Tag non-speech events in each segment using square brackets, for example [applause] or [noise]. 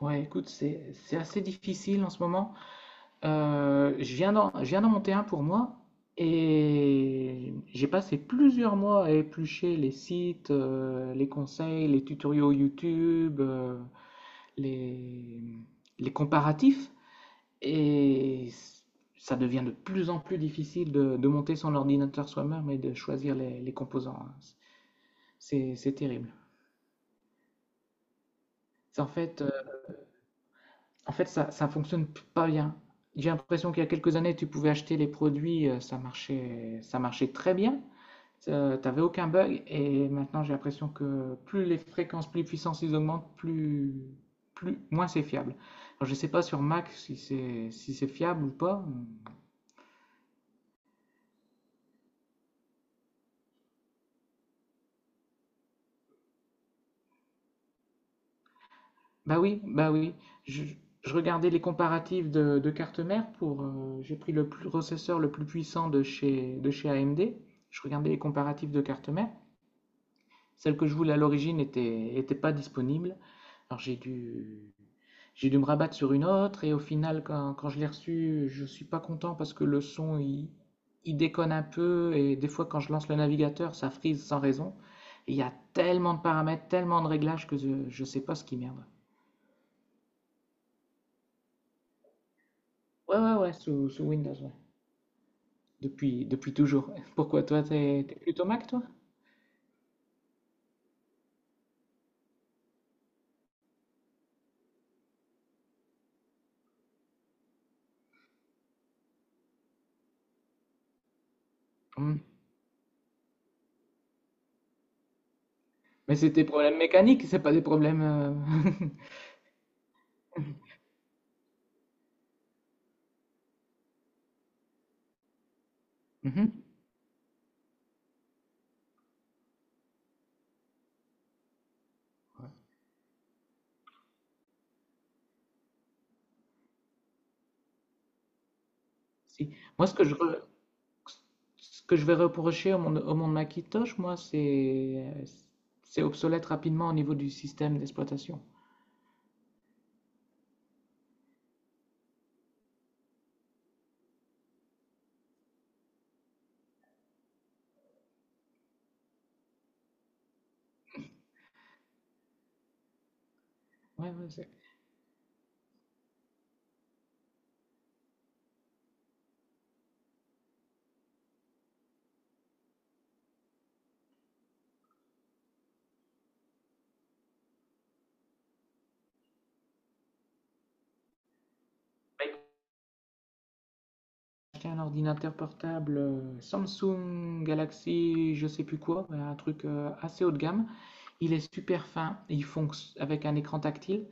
Ouais, écoute, c'est assez difficile en ce moment. Je viens d'en monter un pour moi et j'ai passé plusieurs mois à éplucher les sites, les conseils, les tutoriaux YouTube, les, les comparatifs et ça devient de plus en plus difficile de monter son ordinateur soi-même et de choisir les composants, hein. C'est terrible. En fait, En fait, ça fonctionne pas bien. J'ai l'impression qu'il y a quelques années, tu pouvais acheter les produits, ça marchait très bien. T'avais aucun bug. Et maintenant, j'ai l'impression que plus les fréquences, plus les puissances ils augmentent, plus, plus, moins c'est fiable. Alors, je sais pas sur Mac si c'est si c'est fiable ou pas. Bah oui, bah oui. Je, je regardais les comparatifs de cartes mères pour. J'ai pris le processeur le plus puissant de chez AMD. Je regardais les comparatifs de cartes mères. Celle que je voulais à l'origine était pas disponible. Alors j'ai dû, j'ai dû me rabattre sur une autre et au final, quand je l'ai reçue, je suis pas content parce que le son, il déconne un peu et des fois quand je lance le navigateur, ça frise sans raison. Et il y a tellement de paramètres, tellement de réglages que je sais pas ce qui merde. Ouais, ouais, ouais, sous Windows, ouais. Depuis, depuis toujours. [laughs] Pourquoi toi, t'es plutôt Mac, toi? Hmm. Mais c'est des problèmes mécaniques, c'est pas des problèmes. [laughs] Mhm. Ouais. Si. Moi, ce que je, re- Ce que je vais reprocher au monde Macintosh, moi, c'est obsolète rapidement au niveau du système d'exploitation. Ouais, ouais, c'est- Acheté un ordinateur portable Samsung Galaxy, je sais plus quoi, ouais, un truc assez haut de gamme. Il est super fin, il fonctionne avec un écran tactile.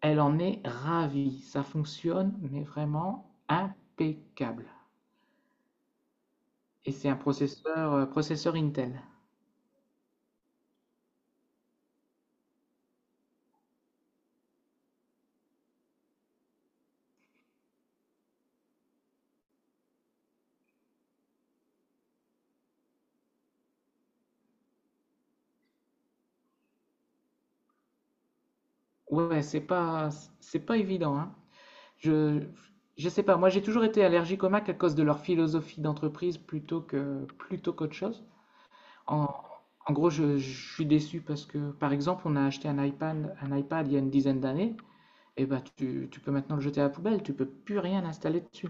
Elle en est ravie, ça fonctionne, mais vraiment impeccable. Et c'est un processeur, processeur Intel. Ouais, ouais, c'est pas évident, hein. Je, je sais pas, moi j'ai toujours été allergique aux Mac à cause de leur philosophie d'entreprise plutôt qu'autre chose. En, en gros, je suis déçu parce que, par exemple, on a acheté un iPad il y a une dizaine d'années, et bah tu peux maintenant le jeter à la poubelle, tu peux plus rien installer dessus.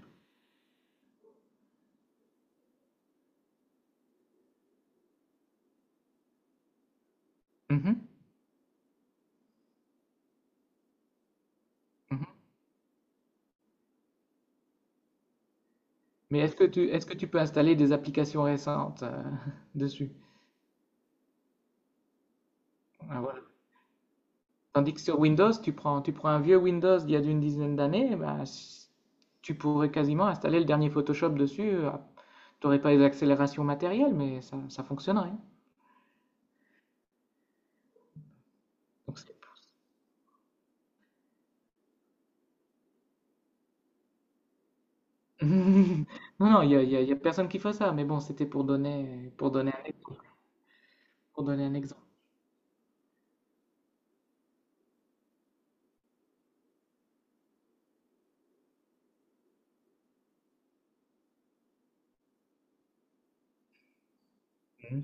Mhm, mhm. Mais est-ce que tu peux installer des applications récentes [laughs] dessus? Ah, voilà. Tandis que sur Windows, tu prends un vieux Windows d'il y a une dizaine d'années, eh ben, tu pourrais quasiment installer le dernier Photoshop dessus, t'aurais pas les accélérations matérielles, mais ça fonctionnerait. Donc, c'est- [laughs] non, non, il y a personne qui fait ça, mais bon, c'était pour donner un exemple. Pour donner un exemple. Mhm.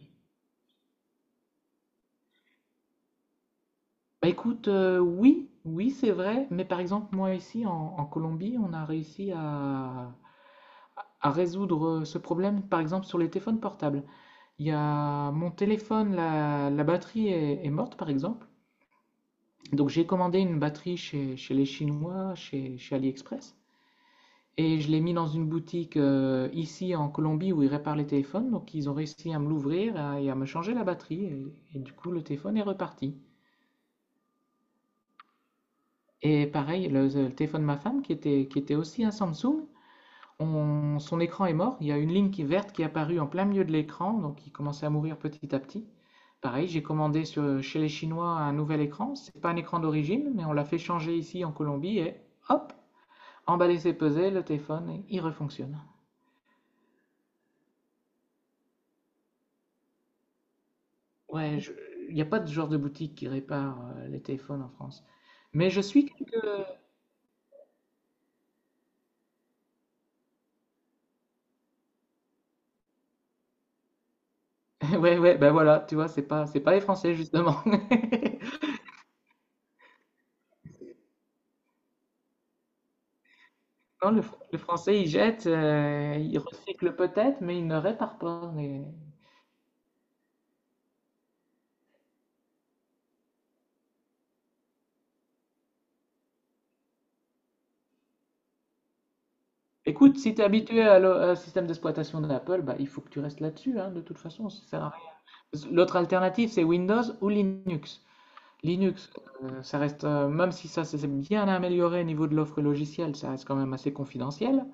Bah écoute, oui, oui, c'est vrai, mais par exemple, moi en Colombie, on a réussi à résoudre ce problème, par exemple, sur les téléphones portables. Il y a mon téléphone, la batterie est morte, par exemple. Donc j'ai commandé une batterie chez, chez les Chinois, chez, chez AliExpress. Et je l'ai mis dans une boutique ici en Colombie où ils réparent les téléphones. Donc ils ont réussi à me l'ouvrir et à me changer la batterie. Et du coup, le téléphone est reparti. Et pareil, le téléphone de ma femme, qui était aussi un Samsung, son écran est mort. Il y a une ligne qui verte qui est apparue en plein milieu de l'écran. Donc il commençait à mourir petit à petit. Pareil, chez les Chinois un nouvel écran. C'est pas un écran d'origine, mais on l'a fait changer ici en Colombie. Et hop, emballé, c'est pesé, le téléphone, il refonctionne. Ouais, il n'y a pas de genre de boutique qui répare les téléphones en France. Mais je suis quelques... [laughs] Ouais, ouais, ben voilà, tu vois, c'est pas les Français, justement. [laughs] Non, le Français, il jette, il recycle peut-être, mais il ne répare pas. Mais... Écoute, si tu es habitué à un système d'exploitation d'Apple, bah, il faut que tu restes là-dessus, hein, de toute façon, ça sert à rien. L'autre alternative, c'est Windows ou Linux. Linux, ça reste, même si ça s'est bien amélioré au niveau de l'offre logicielle, ça reste quand même assez confidentiel.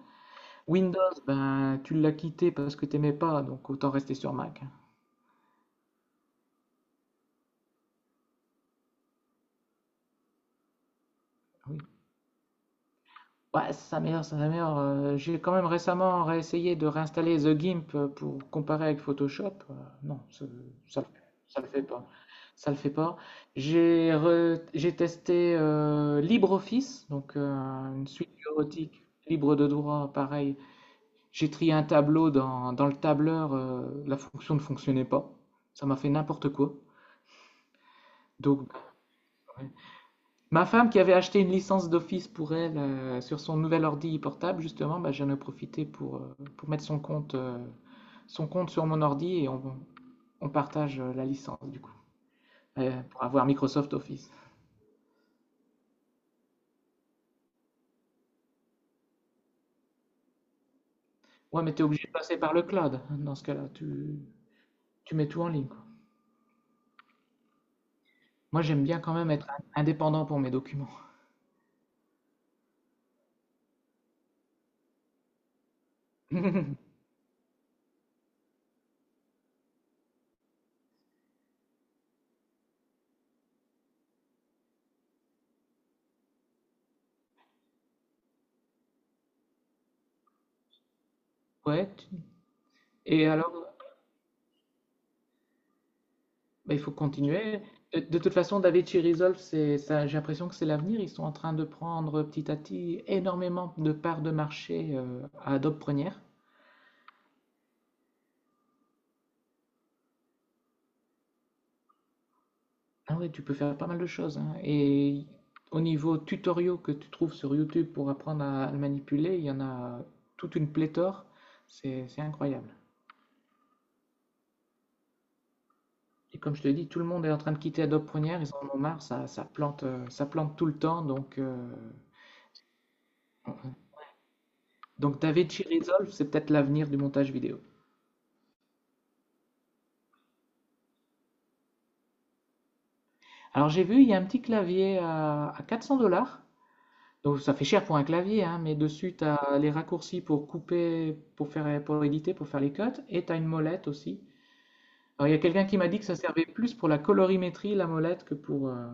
Windows, ben, tu l'as quitté parce que t'aimais pas, donc autant rester sur Mac. Oui. Ouais, sa mère. J'ai quand même récemment réessayé de réinstaller The Gimp pour comparer avec Photoshop. Non, ça, ça le fait pas. Ça le fait pas. J'ai testé LibreOffice, une suite bureautique libre de droit, pareil. J'ai trié un tableau dans le tableur, la fonction ne fonctionnait pas. Ça m'a fait n'importe quoi. Donc, ouais. Ma femme qui avait acheté une licence d'office pour elle sur son nouvel ordi portable, justement, bah, j'en ai profité pour mettre son compte sur mon ordi et on partage la licence du coup pour avoir Microsoft Office. Ouais, mais tu es obligé de passer par le cloud dans ce cas-là. Tu mets tout en ligne, quoi. Moi, j'aime bien quand même être indépendant pour mes documents. [laughs] Ouais. Et alors, bah, il faut continuer. De toute façon, DaVinci Resolve, c'est ça, j'ai l'impression que c'est l'avenir. Ils sont en train de prendre petit à petit énormément de parts de marché à Adobe Premiere. Ah ouais, tu peux faire pas mal de choses, hein. Et au niveau tutoriaux que tu trouves sur YouTube pour apprendre à le manipuler, il y en a toute une pléthore. C'est incroyable. Et comme je te dis, tout le monde est en train de quitter Adobe Premiere. Ils en ont marre. Ça plante tout le temps. Donc DaVinci Resolve, c'est peut-être l'avenir du montage vidéo. Alors j'ai vu, il y a un petit clavier à 400 dollars. Donc ça fait cher pour un clavier, hein, mais dessus tu as les raccourcis pour couper, pour faire, pour éditer, pour faire les cuts, et tu as une molette aussi. Alors il y a quelqu'un qui m'a dit que ça servait plus pour la colorimétrie, la molette,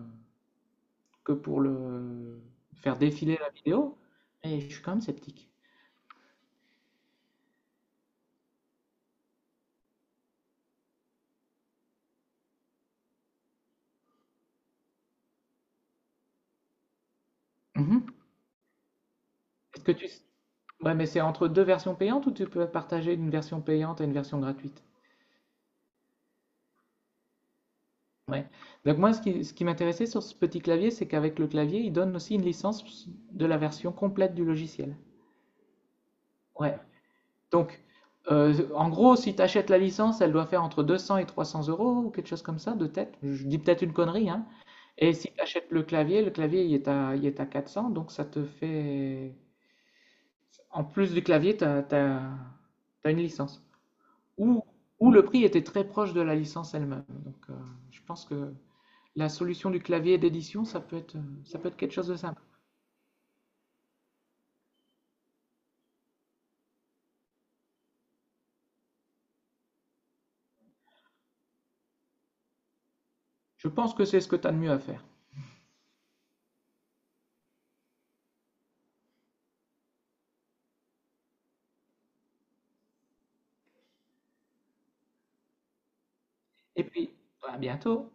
que pour le faire défiler la vidéo. Mais je suis quand même sceptique. Mhm. Est-ce que tu... Ouais, mais c'est entre deux versions payantes ou tu peux partager une version payante et une version gratuite? Ouais. Donc moi, ce qui m'intéressait sur ce petit clavier, c'est qu'avec le clavier, il donne aussi une licence de la version complète du logiciel. Ouais. Donc, en gros, si tu achètes la licence, elle doit faire entre 200 et 300 euros ou quelque chose comme ça de tête. Je dis peut-être une connerie, hein. Et si tu achètes le clavier, il est à 400, donc ça te fait... En plus du clavier, t'as une licence. Ou, ou le prix était très proche de la licence elle-même. Donc, je pense que... La solution du clavier d'édition, ça peut être quelque chose de simple. Je pense que c'est ce que tu as de mieux à faire. Et puis, à bientôt.